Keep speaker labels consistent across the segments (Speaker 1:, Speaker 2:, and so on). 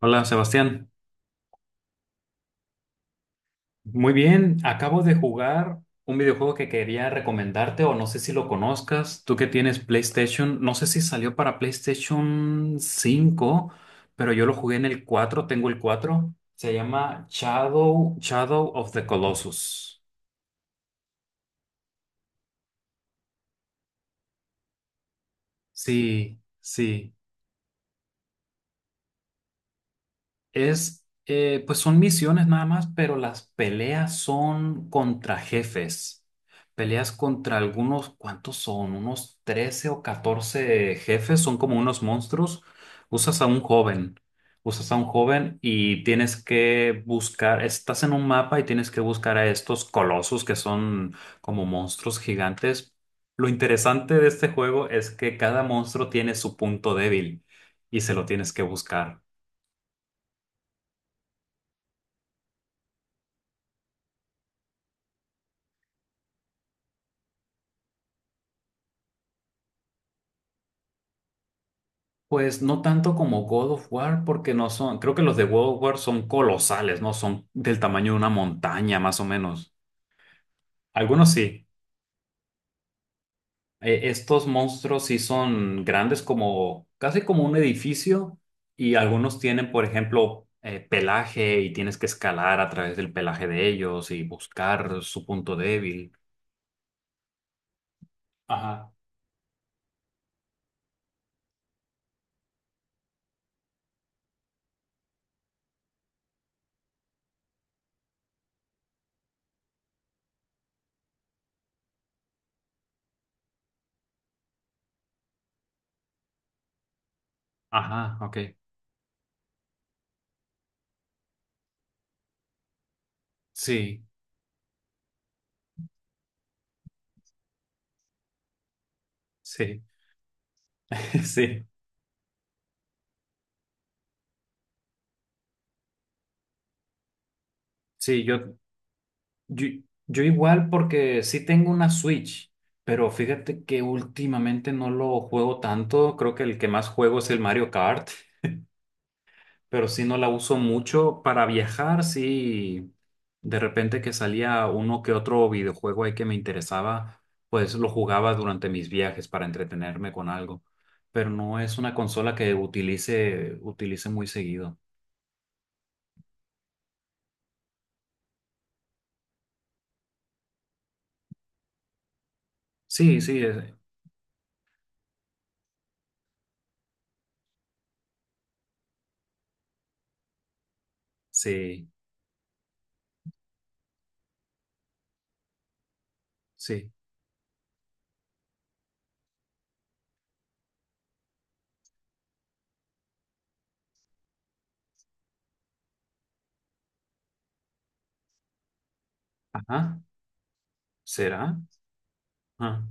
Speaker 1: Hola Sebastián, muy bien, acabo de jugar un videojuego que quería recomendarte o no sé si lo conozcas, tú que tienes PlayStation, no sé si salió para PlayStation 5, pero yo lo jugué en el 4. Tengo el 4. Se llama Shadow of the Colossus. Sí, sí. Pues son misiones nada más, pero las peleas son contra jefes. Peleas contra algunos, ¿cuántos son? Unos 13 o 14 jefes, son como unos monstruos. Usas a un joven, Usas a un joven y tienes que buscar, estás en un mapa y tienes que buscar a estos colosos que son como monstruos gigantes. Lo interesante de este juego es que cada monstruo tiene su punto débil y se lo tienes que buscar. Pues no tanto como God of War, porque no son, creo que los de God of War son colosales, ¿no? Son del tamaño de una montaña, más o menos. Algunos sí. Estos monstruos sí son grandes, como, casi como un edificio, y algunos tienen, por ejemplo, pelaje, y tienes que escalar a través del pelaje de ellos y buscar su punto débil. Ajá, ajá, ok. Sí, sí, sí. Sí, Yo, yo igual, porque sí tengo una Switch, pero fíjate que últimamente no lo juego tanto. Creo que el que más juego es el Mario Kart, pero sí no la uso mucho para viajar. Sí, de repente que salía uno que otro videojuego ahí que me interesaba, pues lo jugaba durante mis viajes para entretenerme con algo. Pero no es una consola que utilice muy seguido. Sí, sí, sí, sí. Ajá, ¿será? Ah,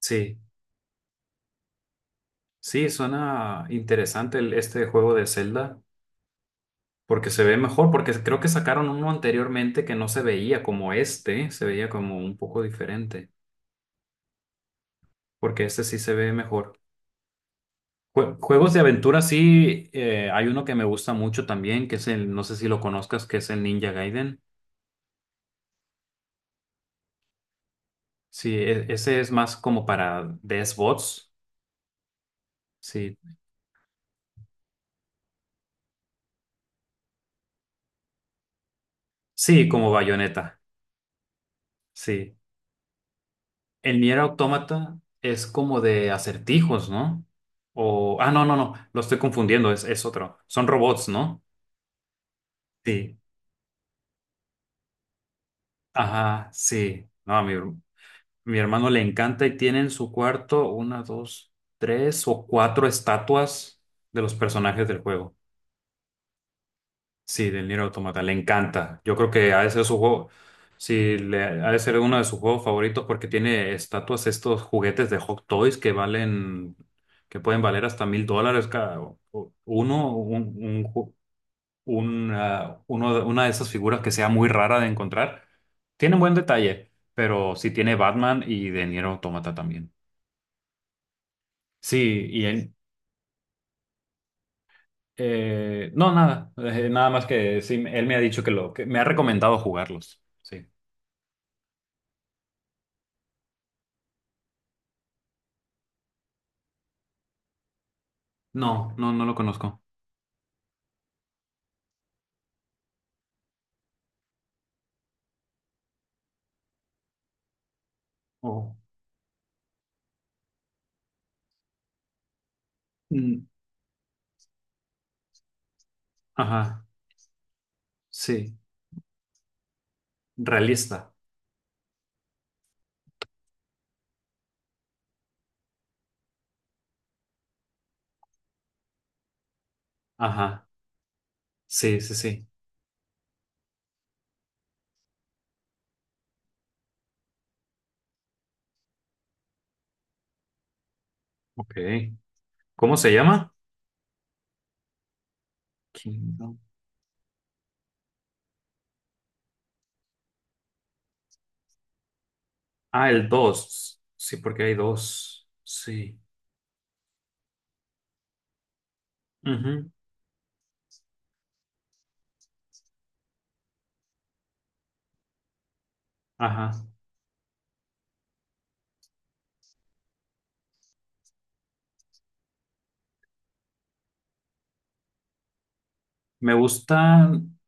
Speaker 1: sí. Sí, suena interesante este juego de Zelda, porque se ve mejor, porque creo que sacaron uno anteriormente que no se veía como este, se veía como un poco diferente, porque este sí se ve mejor. Juegos de aventura, sí, hay uno que me gusta mucho también, no sé si lo conozcas, que es el Ninja Gaiden. Sí, ese es más como para DS bots. Sí, sí, como bayoneta, sí. El Nier Automata es como de acertijos, ¿no? O. Ah, no, no, no. Lo estoy confundiendo. Es otro. Son robots, ¿no? Sí. Ajá, sí. No, a mi hermano le encanta y tiene en su cuarto una, dos, tres o cuatro estatuas de los personajes del juego. Sí, del Nier Automata, le encanta. Yo creo que ha de ser su juego, sí, ha de ser uno de sus juegos favoritos porque tiene estatuas, estos juguetes de Hot Toys que que pueden valer hasta $1,000 cada o- uno, un ju- una, una de esas figuras que sea muy rara de encontrar. Tiene un buen detalle, pero sí tiene Batman y de Nier Automata también. Sí, y él, no, nada, nada más que sí, él me ha dicho que me ha recomendado jugarlos. Sí. No, no, no lo conozco. Oh, mm, ajá, sí. Realista. Ajá, sí, sí, sí. Ok. ¿Cómo se llama? Kingdom. Ah, el 2. Sí, porque hay dos. Sí. Ujú, ajá. Me gustan.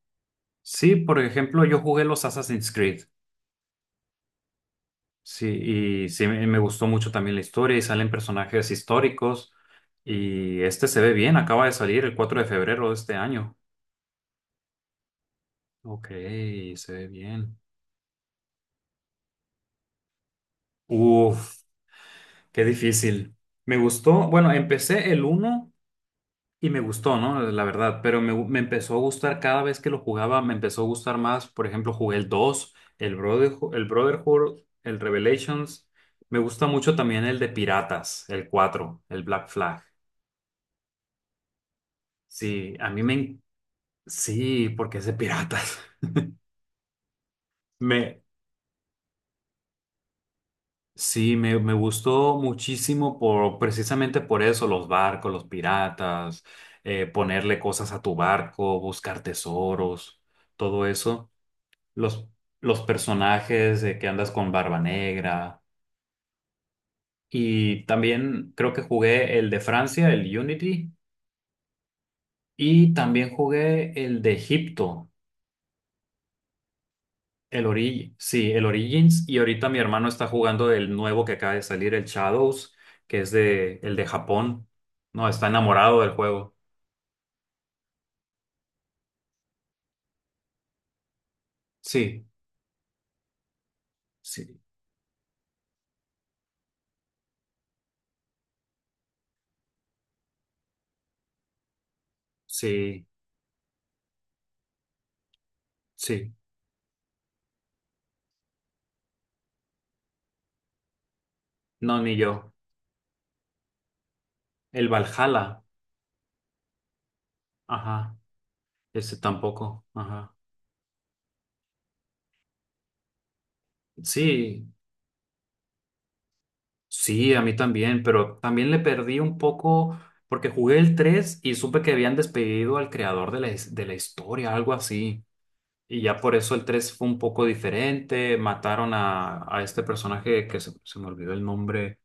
Speaker 1: Sí, por ejemplo, yo jugué los Assassin's Creed. Sí, y sí, me gustó mucho también la historia y salen personajes históricos. Y este se ve bien, acaba de salir el 4 de febrero de este año. Ok, se ve bien. Uf, qué difícil. Me gustó, bueno, empecé el 1 y me gustó, ¿no? La verdad, pero me empezó a gustar cada vez que lo jugaba, me empezó a gustar más. Por ejemplo, jugué el 2, el Brotherhood, el Revelations. Me gusta mucho también el de Piratas, el 4, el Black Flag. Sí, a mí me... en- sí, porque es de piratas. Me, Sí, me gustó muchísimo por precisamente por eso, los barcos, los piratas, ponerle cosas a tu barco, buscar tesoros, todo eso. Los, los personajes de que andas con Barba Negra. Y también creo que jugué el de Francia, el Unity, y también jugué el de Egipto. El Origins, sí, el Origins. Y ahorita mi hermano está jugando el nuevo que acaba de salir, el Shadows, que es de el de Japón. No, está enamorado del juego. Sí, sí, sí, sí. No, ni yo. El Valhalla. Ajá. Ese tampoco. Ajá. Sí, sí, a mí también, pero también le perdí un poco porque jugué el 3 y supe que habían despedido al creador de de la historia, algo así. Y ya por eso el 3 fue un poco diferente. Mataron a este personaje que se me olvidó el nombre.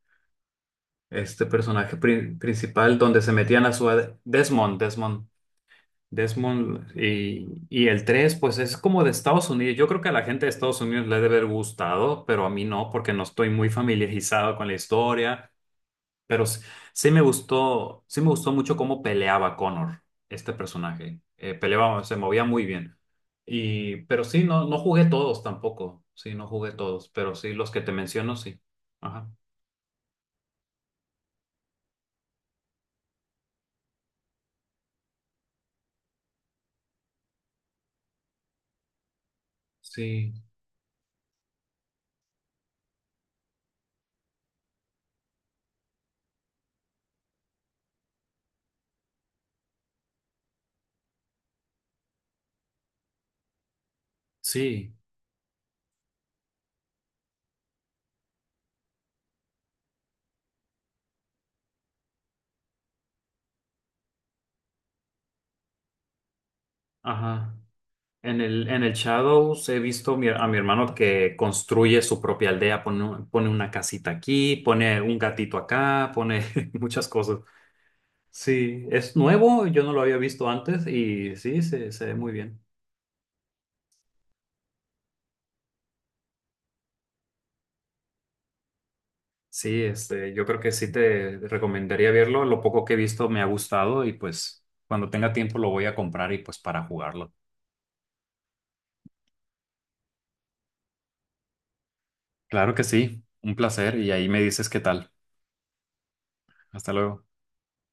Speaker 1: Este personaje principal, donde se metían a Desmond, Desmond, Desmond. Y el 3 pues es como de Estados Unidos. Yo creo que a la gente de Estados Unidos le debe haber gustado, pero a mí no, porque no estoy muy familiarizado con la historia. Pero sí me gustó mucho cómo peleaba Connor, este personaje. Peleaba, se movía muy bien. Pero sí, no, no jugué todos tampoco. Sí, no jugué todos, pero sí, los que te menciono, sí. Ajá. Sí, sí, ajá. En el Shadows he visto a mi hermano que construye su propia aldea, pone una casita aquí, pone un gatito acá, pone muchas cosas. Sí, es nuevo, yo no lo había visto antes y sí, se ve muy bien. Sí, yo creo que sí te recomendaría verlo. Lo poco que he visto me ha gustado y pues cuando tenga tiempo lo voy a comprar y pues para jugarlo. Claro que sí, un placer y ahí me dices qué tal. Hasta luego.